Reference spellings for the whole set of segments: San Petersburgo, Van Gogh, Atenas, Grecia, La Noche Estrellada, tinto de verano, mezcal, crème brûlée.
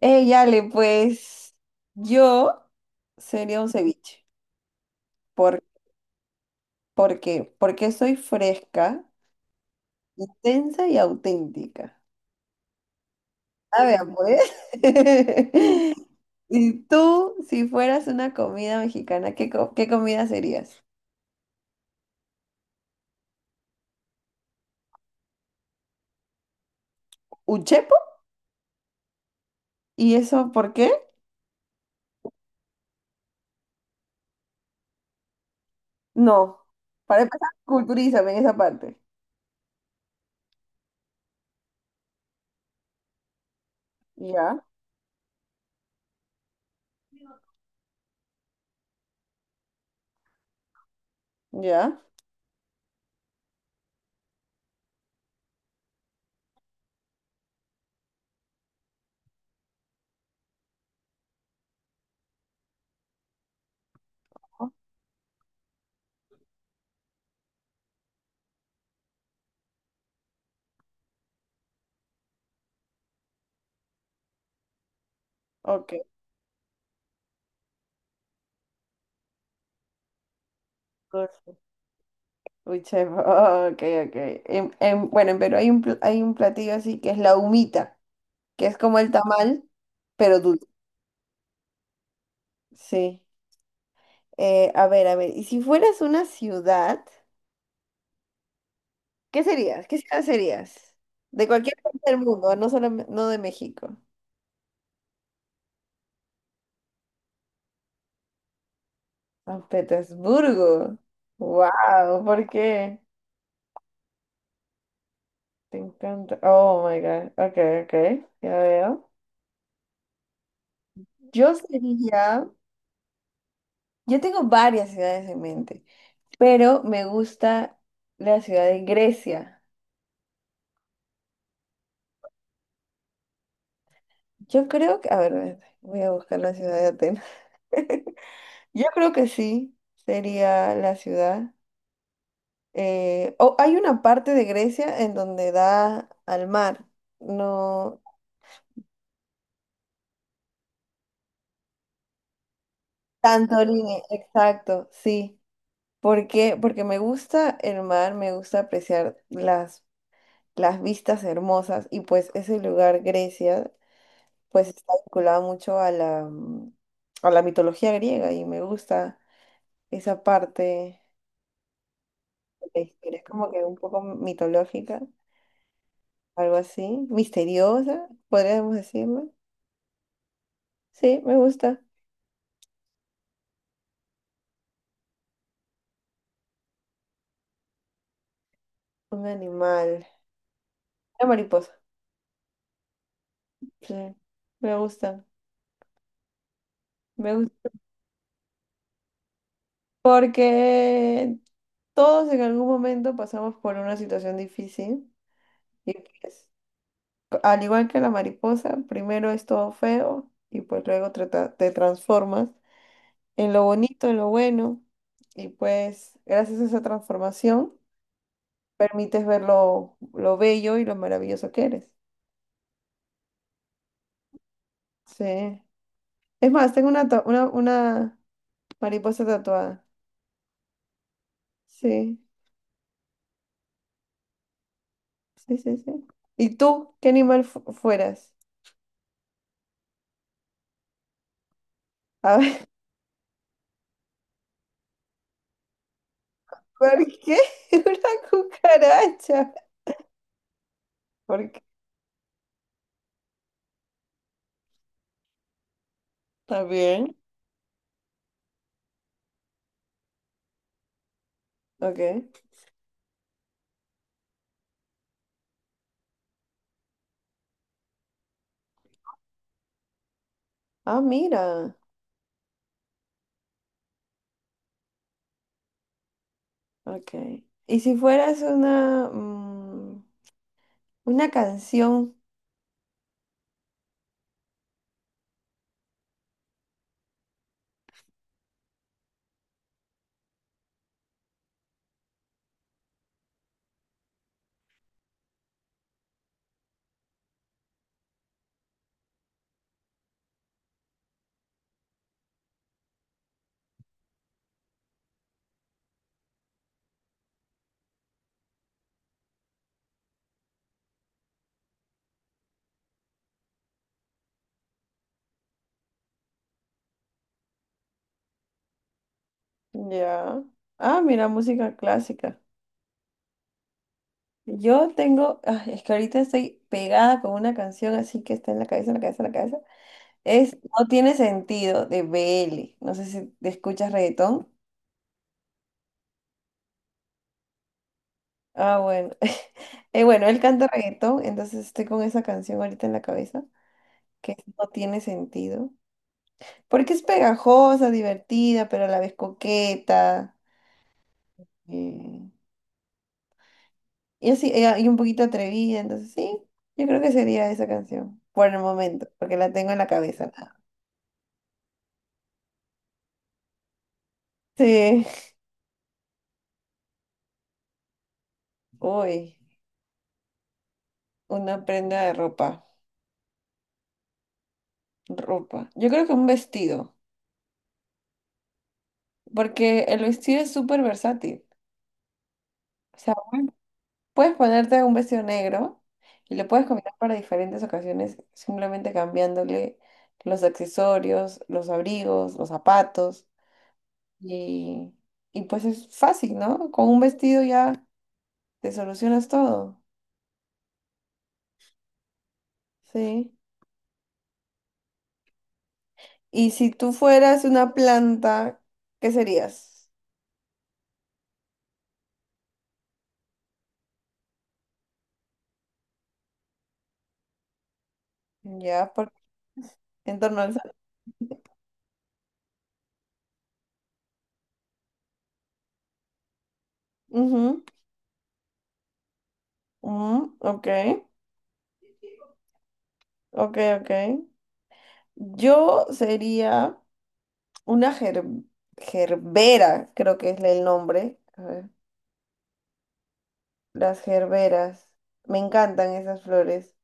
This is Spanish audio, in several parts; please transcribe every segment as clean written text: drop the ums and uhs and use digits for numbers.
Ey, Ale, pues yo sería un ceviche. ¿Por, ¿Por qué? Porque soy fresca, intensa y auténtica. A ver, pues. ¿Y tú, si fueras una comida mexicana, qué comida serías? ¿Un chepo? ¿Y eso por qué? No. Para empezar, culturízame en esa parte. Ya, ya. Ok. Uy, chef, oh, ok, ok. Bueno, en Perú hay hay un platillo así que es la humita, que es como el tamal, pero dulce. Sí. A ver, a ver. Y si fueras una ciudad, ¿qué serías? ¿Qué ciudad serías? De cualquier parte del mundo, no solo, no de México. San Petersburgo. Wow, ¿por qué? Te encanta. Oh my God. Ok, ok, ya veo. Yo sería. Yo tengo varias ciudades en mente, pero me gusta la ciudad de Grecia. Yo creo que, a ver, voy a buscar la ciudad de Atenas. Yo creo que sí, sería la ciudad. O hay una parte de Grecia en donde da al mar, no tanto línea, exacto, sí. ¿Por qué? Porque me gusta el mar, me gusta apreciar las vistas hermosas, y pues ese lugar, Grecia, pues está vinculada mucho a a la mitología griega, y me gusta esa parte de la historia. Es como que un poco mitológica, algo así, misteriosa, podríamos decirlo. Sí, me gusta. Un animal, una mariposa. Sí, me gusta. Me gusta porque todos en algún momento pasamos por una situación difícil y pues, al igual que la mariposa, primero es todo feo y pues luego te transformas en lo bonito, en lo bueno, y pues gracias a esa transformación permites ver lo bello y lo maravilloso que eres. Sí. Es más, tengo una mariposa tatuada. Sí, sí, sí, sí. ¿Y tú qué animal fueras? A ver, ¿por qué? Una cucaracha. ¿Por qué? ¿Está bien? Ok. Ah, mira. Ok. ¿Y si fueras una canción? Ya. Ah, mira, música clásica. Yo tengo, ah, es que ahorita estoy pegada con una canción así que está en la cabeza, en la cabeza, en la cabeza. Es No tiene sentido de B. L. No sé si te escuchas reggaetón. Ah, bueno. Bueno, él canta reggaetón, entonces estoy con esa canción ahorita en la cabeza, que es No tiene sentido. Porque es pegajosa, divertida, pero a la vez coqueta. Eh, Yo sí, y un poquito atrevida, entonces sí, yo creo que sería esa canción, por el momento, porque la tengo en la cabeza. Nada. Sí, uy, una prenda de ropa, ropa. Yo creo que un vestido, porque el vestido es súper versátil. O sea, puedes ponerte un vestido negro y lo puedes combinar para diferentes ocasiones, simplemente cambiándole los accesorios, los abrigos, los zapatos, y, y pues es fácil, ¿no? Con un vestido ya te solucionas todo. Sí. Y si tú fueras una planta, ¿qué serías? Ya, por en torno al sol. Ujú, ujú, ok, ok, ok. Yo sería una gerbera, creo que es el nombre. A ver, las gerberas. Me encantan esas flores.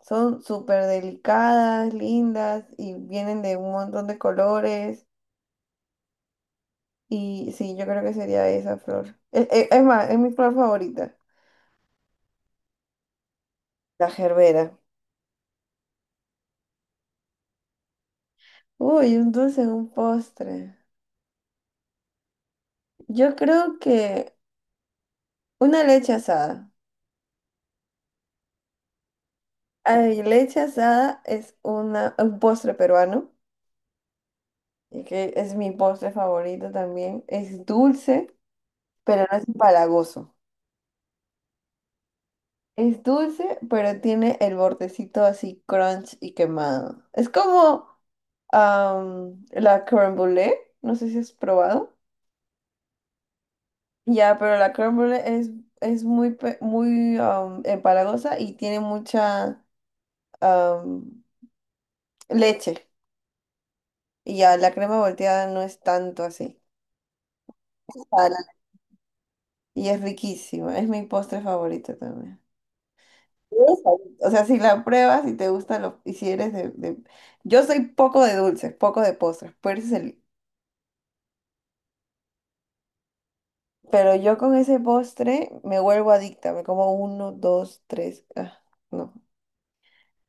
Son súper delicadas, lindas y vienen de un montón de colores. Y sí, yo creo que sería esa flor. Es, más, es mi flor favorita. La gerbera. Uy, un dulce, un postre. Yo creo que una leche asada. Ay, leche asada es un postre peruano, y que es mi postre favorito también. Es dulce, pero no es empalagoso. Es dulce, pero tiene el bordecito así crunch y quemado. Es como am, la crème brûlée, no sé si has probado. Ya, pero la crème brûlée es muy am, empalagosa y tiene mucha am, leche. Y ya, la crema volteada no es tanto así. Ah, y es riquísima, es mi postre favorito también. Esa. O sea, si la pruebas y te gusta lo, y si eres yo soy poco de dulces, poco de postres, pero, ese es pero yo con ese postre me vuelvo adicta, me como uno, dos, tres, ah, no.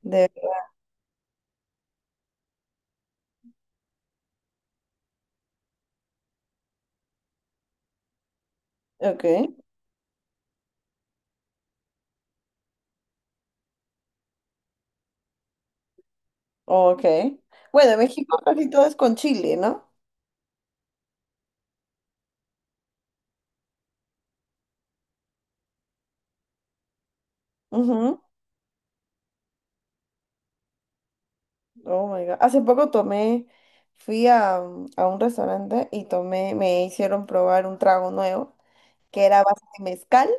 De... Ok, ok. Bueno, en México casi todo es con chile, ¿no? Oh my God. Hace poco tomé, fui a, mm, a un restaurante y tomé, me hicieron probar un trago nuevo que era a base de mezcal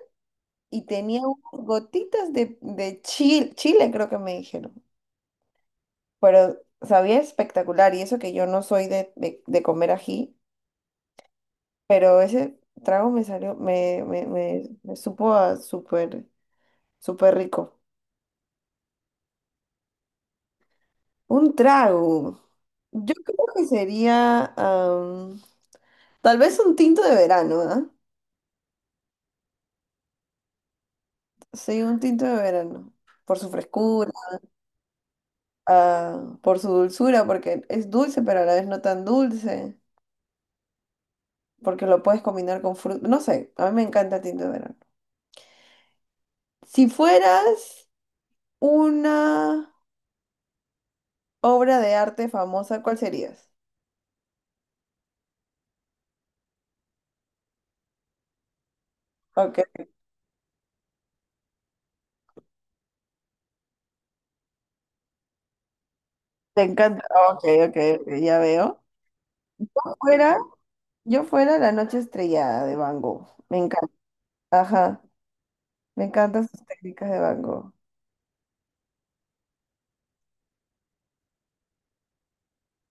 y tenía unas gotitas de chile, chile creo que me dijeron. Pero sabía espectacular y eso que yo no soy de comer ají, pero ese trago me salió, me supo a súper, súper rico. Un trago. Yo creo que sería, am, tal vez un tinto de verano, ¿ah? Sí, un tinto de verano, por su frescura, ah, por su dulzura, porque es dulce, pero a la vez no tan dulce, porque lo puedes combinar con fruta. No sé, a mí me encanta el tinto de verano. Si fueras una obra de arte famosa, ¿cuál serías? Ok, te encanta. Ok, ok, ok, ya veo. Fuera, yo fuera La Noche Estrellada de Van Gogh. Me encanta. Ajá, me encantan sus técnicas de Van Gogh.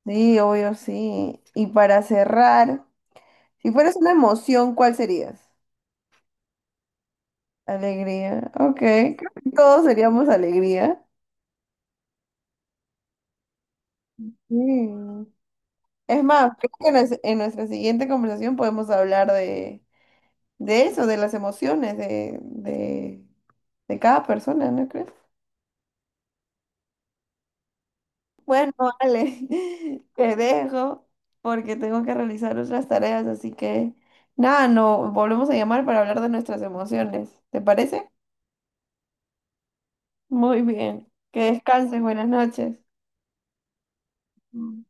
Sí, obvio, sí. Y para cerrar. Si fueras una emoción, ¿cuál serías? Alegría. Ok, creo que todos seríamos alegría. Mm. Es más, creo que en nuestra siguiente conversación podemos hablar de eso, de las emociones de cada persona, ¿no crees? Bueno, vale, te dejo porque tengo que realizar otras tareas, así que nada, no, volvemos a llamar para hablar de nuestras emociones. ¿Te parece? Muy bien. Que descanses, buenas noches. Mm.